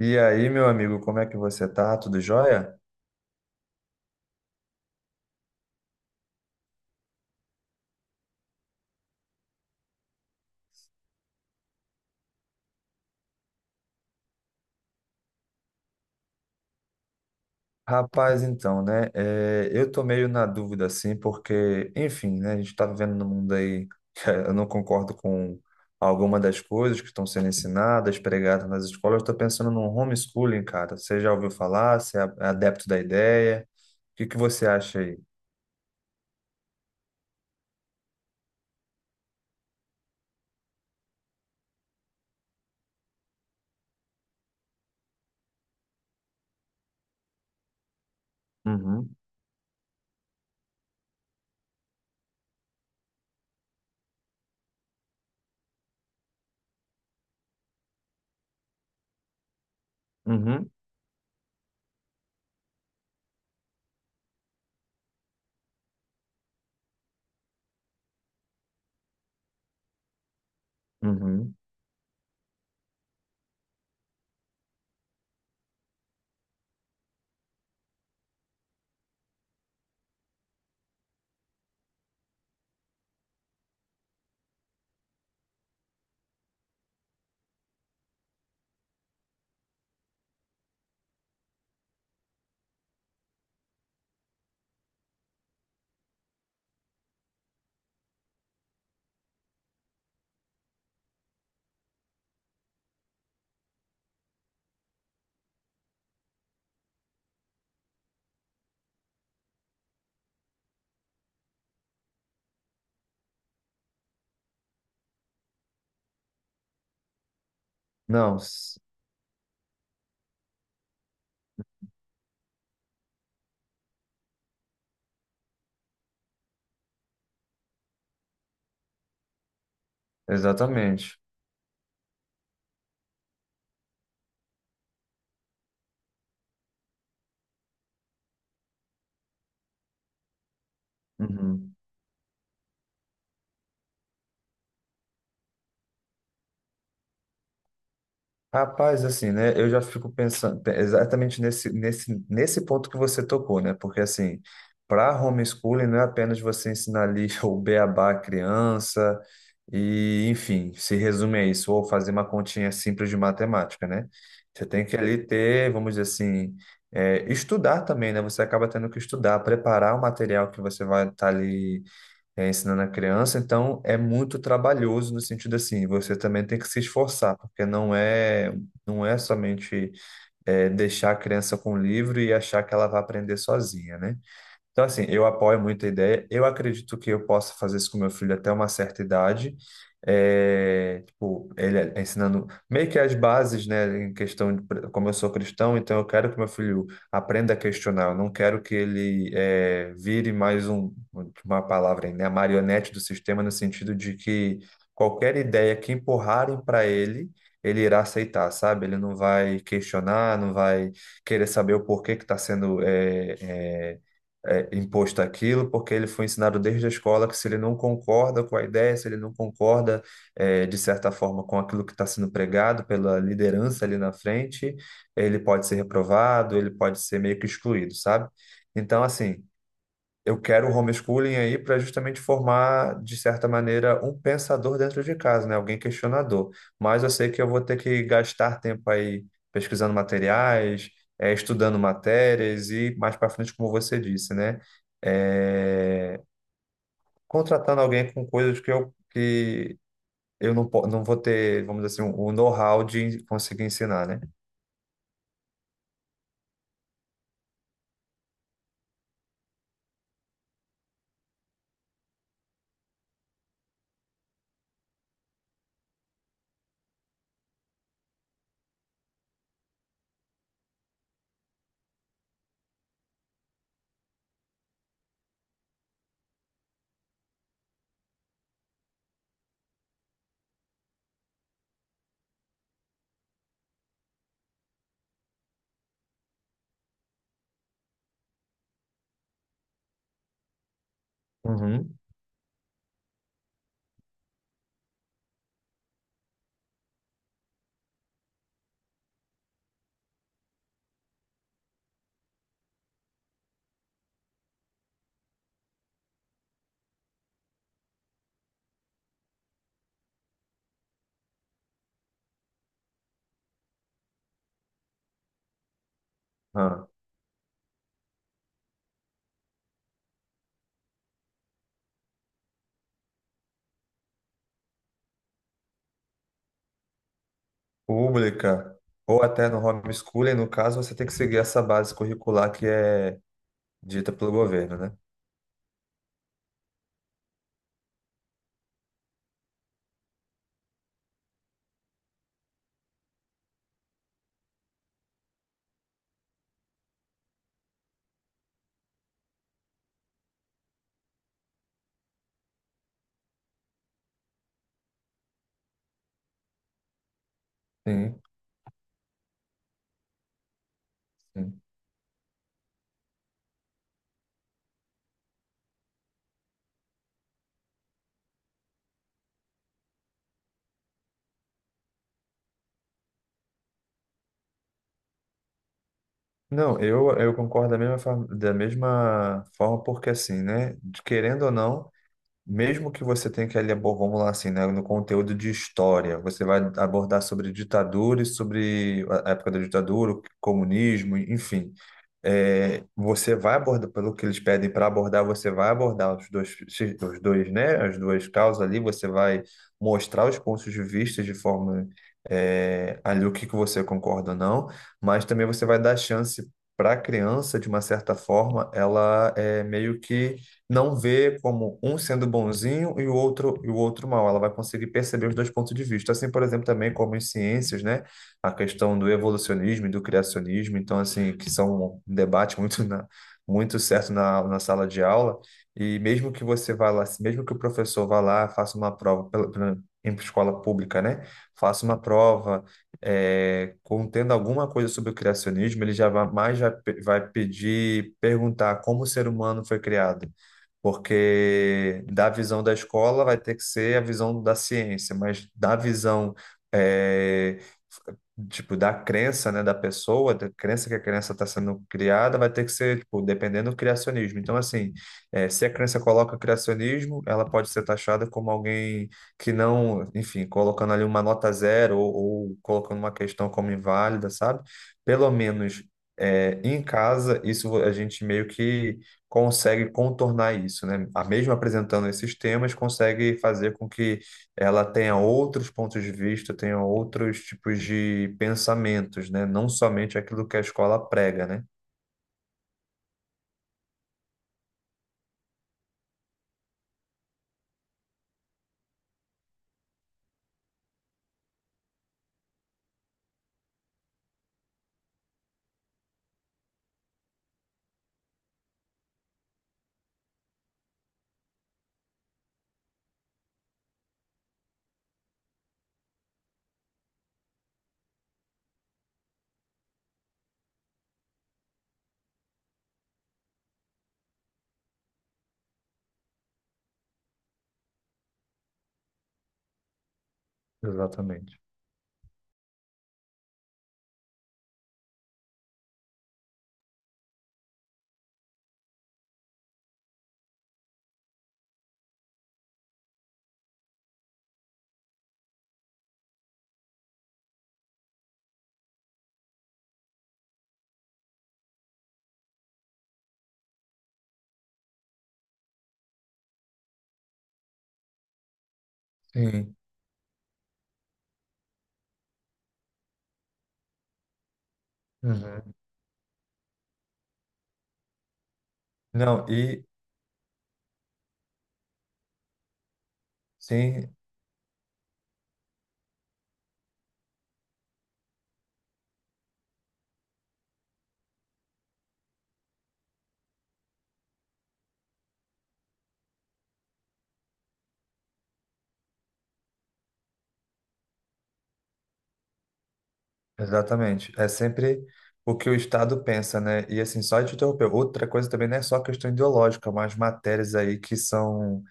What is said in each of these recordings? E aí, meu amigo, como é que você tá? Tudo jóia? Rapaz, então, né? Eu tô meio na dúvida, assim, porque, enfim, né? A gente tá vivendo num mundo aí que eu não concordo com alguma das coisas que estão sendo ensinadas, pregadas nas escolas. Eu tô pensando num homeschooling, cara. Você já ouviu falar? Você é adepto da ideia? O que que você acha aí? Uhum, uhum, uhum. Não, s- Exatamente. Uhum. Rapaz, assim, né? Eu já fico pensando exatamente nesse ponto que você tocou, né? Porque, assim, para homeschooling não é apenas você ensinar ali o beabá à criança e, enfim, se resume a isso, ou fazer uma continha simples de matemática, né? Você tem que ali ter, vamos dizer assim, estudar também, né? Você acaba tendo que estudar, preparar o material que você vai estar ali ensinando a criança, então é muito trabalhoso no sentido assim, você também tem que se esforçar, porque não é somente deixar a criança com o livro e achar que ela vai aprender sozinha, né? Então, assim, eu apoio muito a ideia. Eu acredito que eu possa fazer isso com meu filho até uma certa idade. É, tipo, ele é ensinando meio que as bases, né, em questão de como eu sou cristão, então eu quero que meu filho aprenda a questionar. Eu não quero que ele vire mais um, uma palavra, aí, né, a marionete do sistema, no sentido de que qualquer ideia que empurrarem para ele, ele irá aceitar, sabe? Ele não vai questionar, não vai querer saber o porquê que está sendo. Imposto aquilo, porque ele foi ensinado desde a escola que se ele não concorda com a ideia, se ele não concorda, de certa forma, com aquilo que está sendo pregado pela liderança ali na frente, ele pode ser reprovado, ele pode ser meio que excluído, sabe? Então, assim, eu quero o homeschooling aí para justamente formar, de certa maneira, um pensador dentro de casa, né? Alguém questionador. Mas eu sei que eu vou ter que gastar tempo aí pesquisando materiais, estudando matérias e mais para frente, como você disse, né? Eh, Contratando alguém com coisas que eu não, po- não vou ter, vamos dizer assim, o know-how de conseguir ensinar, né? Uhum. Ah, pública. Ou até no homeschooling, no caso, você tem que seguir essa base curricular que é dita pelo governo, né? Sim, sim. Não, eu concordo da mesma forma, porque assim, né? Querendo ou não. Mesmo que você tenha que ali, vamos lá assim, né, no conteúdo de história, você vai abordar sobre ditadura e sobre a época da ditadura, o comunismo, enfim. É, você vai abordar, pelo que eles pedem para abordar, você vai abordar os dois, né, as duas causas ali, você vai mostrar os pontos de vista de forma, ali o que que você concorda ou não, mas também você vai dar chance para a criança, de uma certa forma, ela é meio que não vê como um sendo bonzinho e o outro mal. Ela vai conseguir perceber os dois pontos de vista. Assim, por exemplo, também como em ciências, né? A questão do evolucionismo e do criacionismo, então assim, que são um debate muito certo na, na sala de aula. E mesmo que você vá lá, mesmo que o professor vá lá, faça uma prova em escola pública, né? Faça uma prova contendo alguma coisa sobre o criacionismo, ele já vai, vai pedir, perguntar como o ser humano foi criado, porque da visão da escola vai ter que ser a visão da ciência, mas da visão é, tipo da crença, né, da pessoa, da crença que a criança está sendo criada, vai ter que ser tipo dependendo do criacionismo. Então assim, se a criança coloca criacionismo, ela pode ser taxada como alguém que não, enfim, colocando ali uma nota zero ou colocando uma questão como inválida, sabe? Pelo menos em casa, isso a gente meio que consegue contornar isso, né? A mesmo apresentando esses temas, consegue fazer com que ela tenha outros pontos de vista, tenha outros tipos de pensamentos, né? Não somente aquilo que a escola prega, né? Exatamente. Sim. Uhum. Não, e sim, exatamente. É sempre o que o Estado pensa, né? E assim, só te interromper, outra coisa também não é só questão ideológica, mas matérias aí que são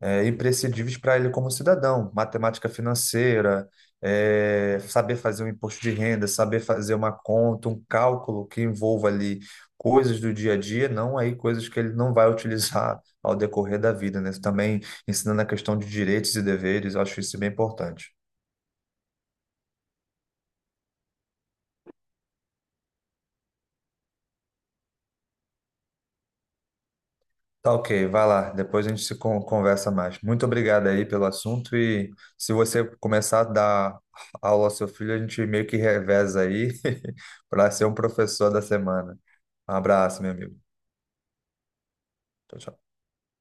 imprescindíveis para ele como cidadão. Matemática financeira, saber fazer um imposto de renda, saber fazer uma conta, um cálculo que envolva ali coisas do dia a dia, não aí coisas que ele não vai utilizar ao decorrer da vida, né? Também ensinando a questão de direitos e deveres, eu acho isso bem importante. Tá ok, vai lá, depois a gente se con- conversa mais. Muito obrigado aí pelo assunto e se você começar a dar aula ao seu filho, a gente meio que reveza aí para ser um professor da semana. Um abraço, meu amigo. Tchau, tchau.